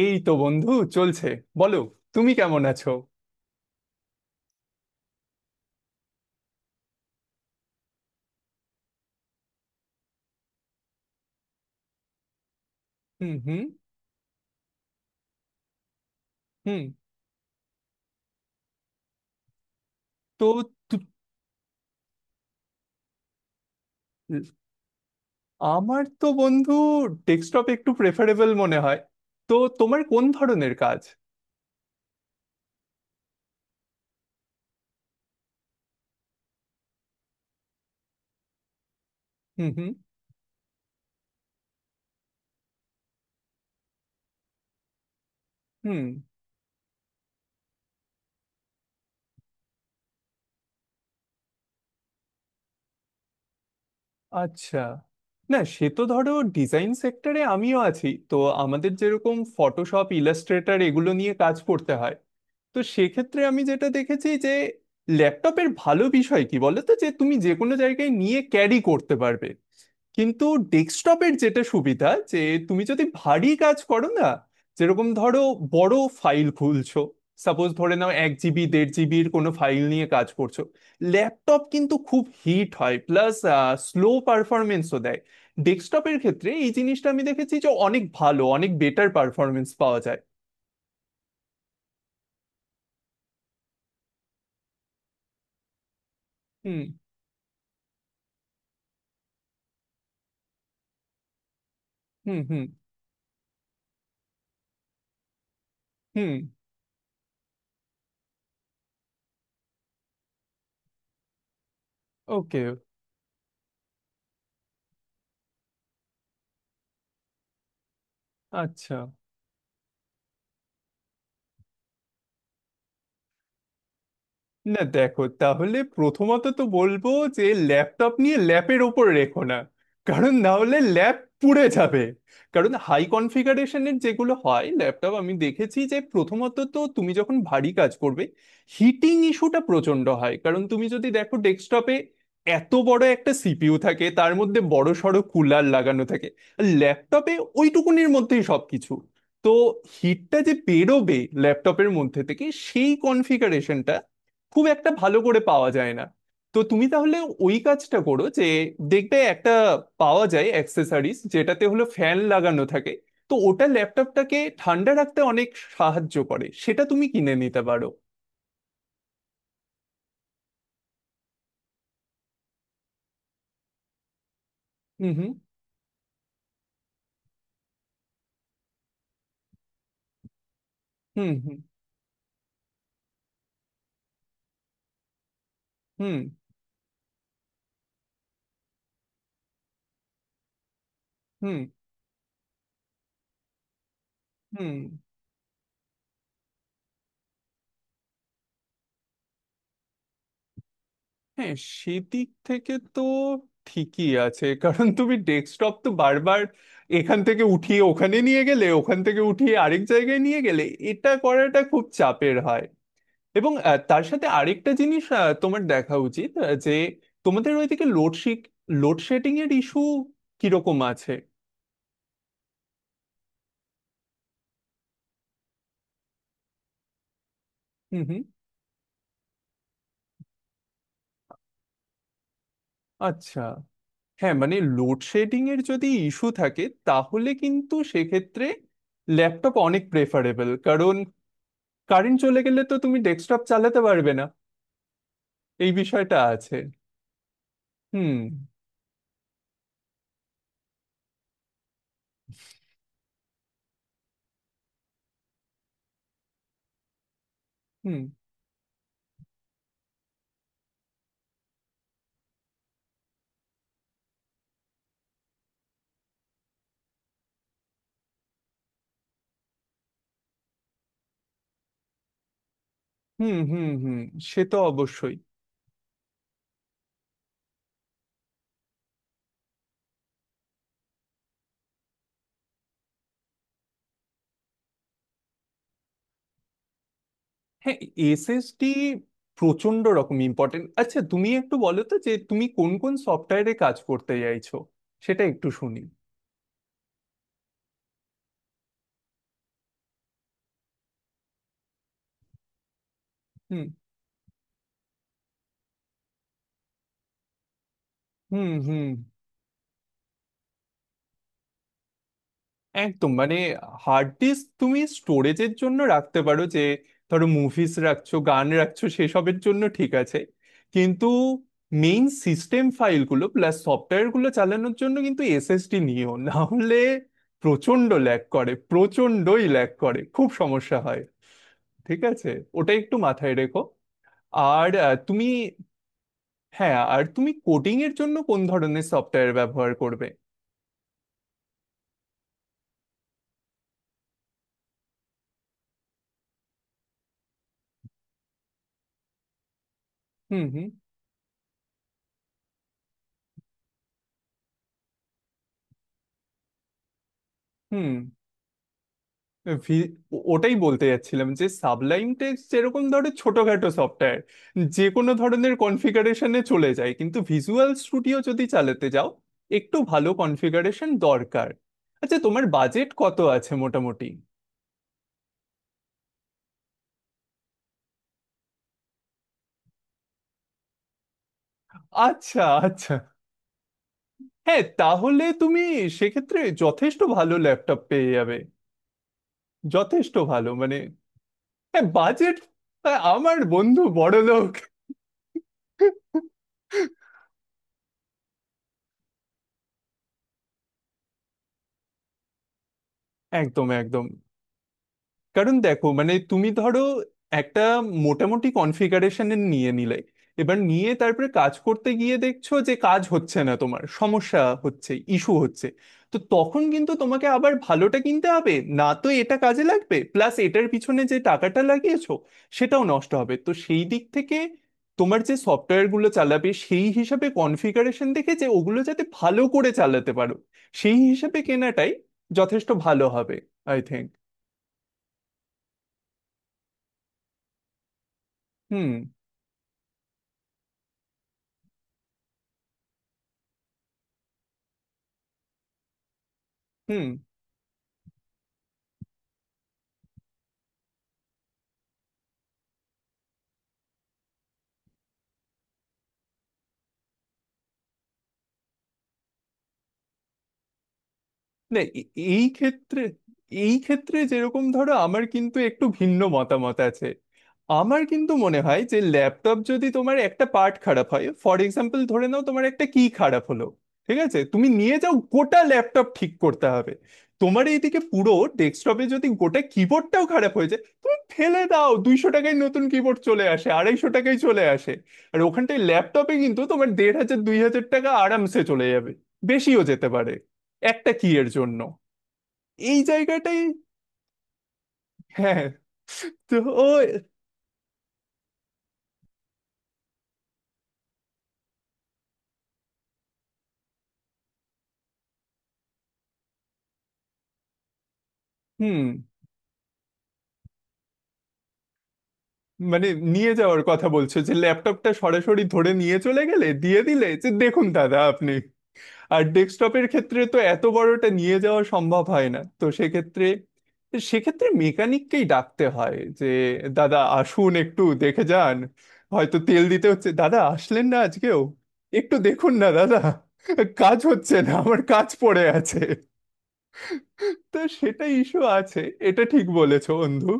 এই তো বন্ধু, চলছে। বলো, তুমি কেমন আছো? হুম হুম হুম। তো তু- আমার তো বন্ধু ডেস্কটপ একটু প্রেফারেবল মনে হয়। তো তোমার কোন ধরনের কাজ? হুম হুম হুম। আচ্ছা, না সে তো ধরো ডিজাইন সেক্টরে আমিও আছি তো। আমাদের যেরকম ফটোশপ, ইলাস্ট্রেটর এগুলো নিয়ে কাজ করতে হয়। তো সেক্ষেত্রে আমি যেটা দেখেছি যে ল্যাপটপের ভালো বিষয় কি বলো তো, যে তুমি যে কোনো জায়গায় নিয়ে ক্যারি করতে পারবে, কিন্তু ডেস্কটপের যেটা সুবিধা যে তুমি যদি ভারী কাজ করো না, যেরকম ধরো বড় ফাইল খুলছো, সাপোজ ধরে নাও 1 জিবি 1.5 জিবির কোনো ফাইল নিয়ে কাজ করছো, ল্যাপটপ কিন্তু খুব হিট হয় প্লাস স্লো পারফরমেন্সও দেয়। ডেস্কটপের ক্ষেত্রে এই জিনিসটা আমি দেখেছি যে অনেক ভালো, অনেক বেটার পারফরমেন্স পাওয়া যায়। হুম হুম হুম হুম। ওকে। আচ্ছা, না দেখো তাহলে প্রথমত তো বলবো যে ল্যাপটপ নিয়ে ল্যাপের ওপর রেখো না, কারণ না হলে ল্যাপ পুড়ে যাবে। কারণ হাই কনফিগারেশনের যেগুলো হয় ল্যাপটপ আমি দেখেছি যে প্রথমত তো তুমি যখন ভারী কাজ করবে, হিটিং ইস্যুটা প্রচন্ড হয়। কারণ তুমি যদি দেখো ডেস্কটপে এত বড় একটা সিপিইউ থাকে, তার মধ্যে বড় সড়ো কুলার লাগানো থাকে। ল্যাপটপে ওইটুকুনির মধ্যেই সবকিছু। তো হিটটা যে বেরোবে ল্যাপটপের মধ্যে থেকে, সেই কনফিগারেশনটা খুব একটা ভালো করে পাওয়া যায় না। তো তুমি তাহলে ওই কাজটা করো যে দেখবে একটা পাওয়া যায় অ্যাক্সেসরিজ যেটাতে হলো ফ্যান লাগানো থাকে। তো ওটা ল্যাপটপটাকে ঠান্ডা রাখতে অনেক সাহায্য করে, সেটা তুমি কিনে নিতে পারো। হুম হুম হুম হুম হুম হুম হুম। হ্যাঁ, সেদিক থেকে তো ঠিকই আছে। কারণ তুমি ডেস্কটপ তো বারবার এখান থেকে উঠিয়ে ওখানে নিয়ে গেলে, ওখান থেকে উঠিয়ে আরেক জায়গায় নিয়ে গেলে, এটা করাটা খুব চাপের হয়। এবং তার সাথে আরেকটা জিনিস তোমার দেখা উচিত যে তোমাদের ওইদিকে লোডশেডিং লোডশেডিং এর ইস্যু কিরকম আছে? হুম হুম। আচ্ছা, হ্যাঁ মানে লোডশেডিং এর যদি ইস্যু থাকে, তাহলে কিন্তু সেক্ষেত্রে ল্যাপটপ অনেক প্রেফারেবল। কারণ কারেন্ট চলে গেলে তো তুমি ডেস্কটপ চালাতে পারবে না, এই বিষয়টা আছে। হুম হুম হুম হুম হুম। সে তো অবশ্যই। হ্যাঁ, এসএসডি প্রচন্ড রকম ইম্পর্টেন্ট। আচ্ছা, তুমি একটু বলো তো যে তুমি কোন কোন সফটওয়্যারে কাজ করতে চাইছো, সেটা একটু শুনি। হুম হুম হুম। একদম। মানে হার্ড ডিস্ক তুমি স্টোরেজের জন্য রাখতে পারো, যে ধরো মুভিজ রাখছো, গান রাখছো, সেসবের জন্য ঠিক আছে, কিন্তু মেইন সিস্টেম ফাইলগুলো প্লাস সফটওয়্যারগুলো চালানোর জন্য কিন্তু এসএসডি নিও, না হলে প্রচন্ড ল্যাগ করে, প্রচন্ডই ল্যাগ করে, খুব সমস্যা হয়। ঠিক আছে, ওটা একটু মাথায় রেখো। আর আহ, তুমি হ্যাঁ আর তুমি কোডিং এর জন্য কোন ধরনের সফটওয়্যার ব্যবহার করবে? হুম হুম হুম। ভি- ওটাই বলতে যাচ্ছিলাম, যে সাবলাইম টেক্সট যেরকম ধরো ছোটখাটো সফটওয়্যার যে কোনো ধরনের কনফিগারেশনে চলে যায়, কিন্তু ভিজুয়াল স্টুডিও যদি চালাতে যাও একটু ভালো কনফিগারেশন দরকার। আচ্ছা, তোমার বাজেট কত আছে মোটামুটি? আচ্ছা আচ্ছা। হ্যাঁ, তাহলে তুমি সেক্ষেত্রে যথেষ্ট ভালো ল্যাপটপ পেয়ে যাবে। যথেষ্ট ভালো, মানে হ্যাঁ, বাজেট। আমার বন্ধু বড়লোক। একদম একদম। কারণ দেখো মানে তুমি ধরো একটা মোটামুটি কনফিগারেশনের নিয়ে নিলে, এবার নিয়ে তারপরে কাজ করতে গিয়ে দেখছো যে কাজ হচ্ছে না, তোমার সমস্যা হচ্ছে, ইস্যু হচ্ছে, তো তখন কিন্তু তোমাকে আবার ভালোটা কিনতে হবে না, তো এটা কাজে লাগবে প্লাস এটার পিছনে যে টাকাটা লাগিয়েছো সেটাও নষ্ট হবে। তো সেই দিক থেকে তোমার যে সফটওয়্যারগুলো চালাবে, সেই হিসাবে কনফিগারেশন দেখে যে ওগুলো যাতে ভালো করে চালাতে পারো, সেই হিসাবে কেনাটাই যথেষ্ট ভালো হবে, আই থিংক। হুম হুম। না এ- এই ক্ষেত্রে, এই ক্ষেত্রে যেরকম ধরো আমার কিন্তু একটু ভিন্ন মতামত আছে। আমার কিন্তু মনে হয় যে ল্যাপটপ যদি তোমার একটা পার্ট খারাপ হয়, ফর এক্সাম্পল ধরে নাও তোমার একটা কি খারাপ হলো, ঠিক আছে তুমি নিয়ে যাও, গোটা ল্যাপটপ ঠিক করতে হবে তোমার এইদিকে, পুরো। ডেস্কটপে যদি গোটা কিবোর্ডটাও খারাপ হয়ে যায় তুমি ফেলে দাও, 200 টাকায় নতুন কিবোর্ড চলে আসে, 250 টাকায় চলে আসে। আর ওখানটায় ল্যাপটপে কিন্তু তোমার 1500 2000 টাকা আরামসে চলে যাবে, বেশিও যেতে পারে, একটা কি এর জন্য। এই জায়গাটাই। হ্যাঁ, তো ও হুম। মানে নিয়ে যাওয়ার কথা বলছো যে ল্যাপটপটা সরাসরি ধরে নিয়ে চলে গেলে দিয়ে দিলে যে দেখুন দাদা আপনি। আর ডেস্কটপের ক্ষেত্রে তো এত বড়টা নিয়ে যাওয়া সম্ভব হয় না, তো সেক্ষেত্রে, সেক্ষেত্রে মেকানিককেই ডাকতে হয় যে দাদা আসুন একটু দেখে যান, হয়তো তেল দিতে হচ্ছে, দাদা আসলেন না আজকেও, একটু দেখুন না দাদা, কাজ হচ্ছে না, আমার কাজ পড়ে আছে। তো সেটা ইস্যু আছে। এটা ঠিক বলেছো বন্ধু।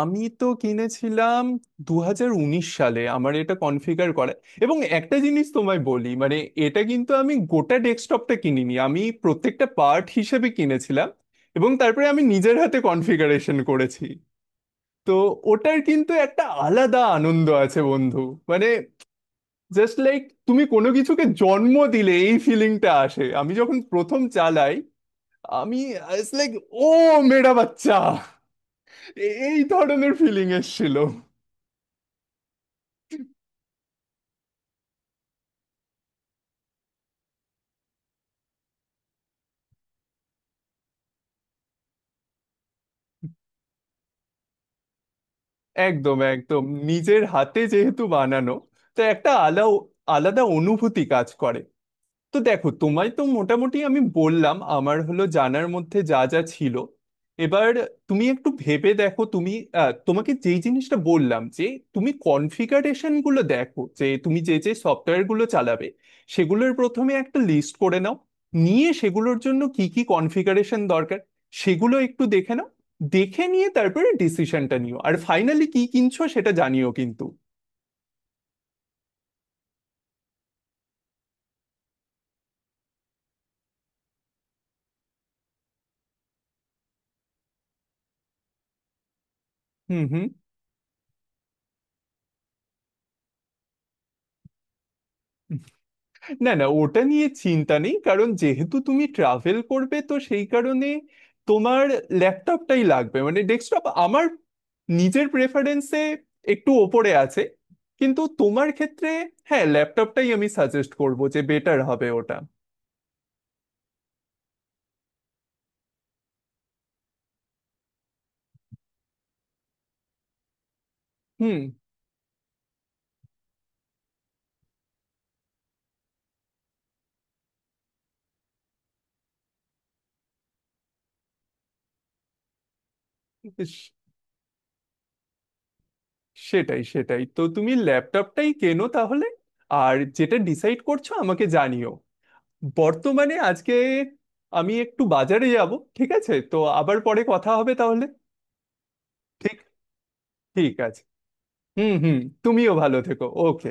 আমি তো কিনেছিলাম 2019 সালে, আমার এটা কনফিগার করা। এবং একটা জিনিস তোমায় বলি মানে, এটা কিন্তু আমি গোটা ডেস্কটপটা কিনিনি, আমি প্রত্যেকটা পার্ট হিসেবে কিনেছিলাম এবং তারপরে আমি নিজের হাতে কনফিগারেশন করেছি। তো ওটার কিন্তু একটা আলাদা আনন্দ আছে বন্ধু। মানে, জাস্ট লাইক তুমি কোনো কিছুকে জন্ম দিলে এই ফিলিংটা আসে। আমি যখন প্রথম চালাই, আমি, ইটস লাইক, ও মেয়েটা বাচ্চা, এই ধরনের ফিলিং এসেছিল। একদম একদম। নিজের হাতে যেহেতু বানানো, তো একটা আলাদা আলাদা অনুভূতি কাজ করে। তো দেখো, তোমায় তো মোটামুটি আমি বললাম আমার হলো জানার মধ্যে যা যা ছিল। এবার তুমি একটু ভেবে দেখো। তুমি তোমাকে যেই জিনিসটা বললাম যে তুমি কনফিগারেশন গুলো দেখো, যে তুমি যে যে সফটওয়্যার গুলো চালাবে সেগুলোর প্রথমে একটা লিস্ট করে নাও, নিয়ে সেগুলোর জন্য কি কি কনফিগারেশন দরকার সেগুলো একটু দেখে নাও। দেখে নিয়ে তারপরে ডিসিশনটা নিও, আর ফাইনালি কি কিনছো সেটা জানিও কিন্তু। হুম হুম। না না, ওটা নিয়ে চিন্তা নেই। কারণ যেহেতু তুমি ট্রাভেল করবে তো সেই কারণে তোমার ল্যাপটপটাই লাগবে। মানে ডেস্কটপ আমার নিজের প্রেফারেন্সে একটু ওপরে আছে, কিন্তু তোমার ক্ষেত্রে হ্যাঁ, ল্যাপটপটাই আমি সাজেস্ট করব, যে বেটার হবে ওটা। হুম। স- সেটাই সেটাই, তো তুমি ল্যাপটপটাই কেনো তাহলে। আর যেটা ডিসাইড করছো আমাকে জানিও। বর্তমানে আজকে আমি একটু বাজারে যাব, ঠিক আছে? তো আবার পরে কথা হবে তাহলে। ঠিক, ঠিক আছে। হুম হুম। তুমিও ভালো থেকো, ওকে।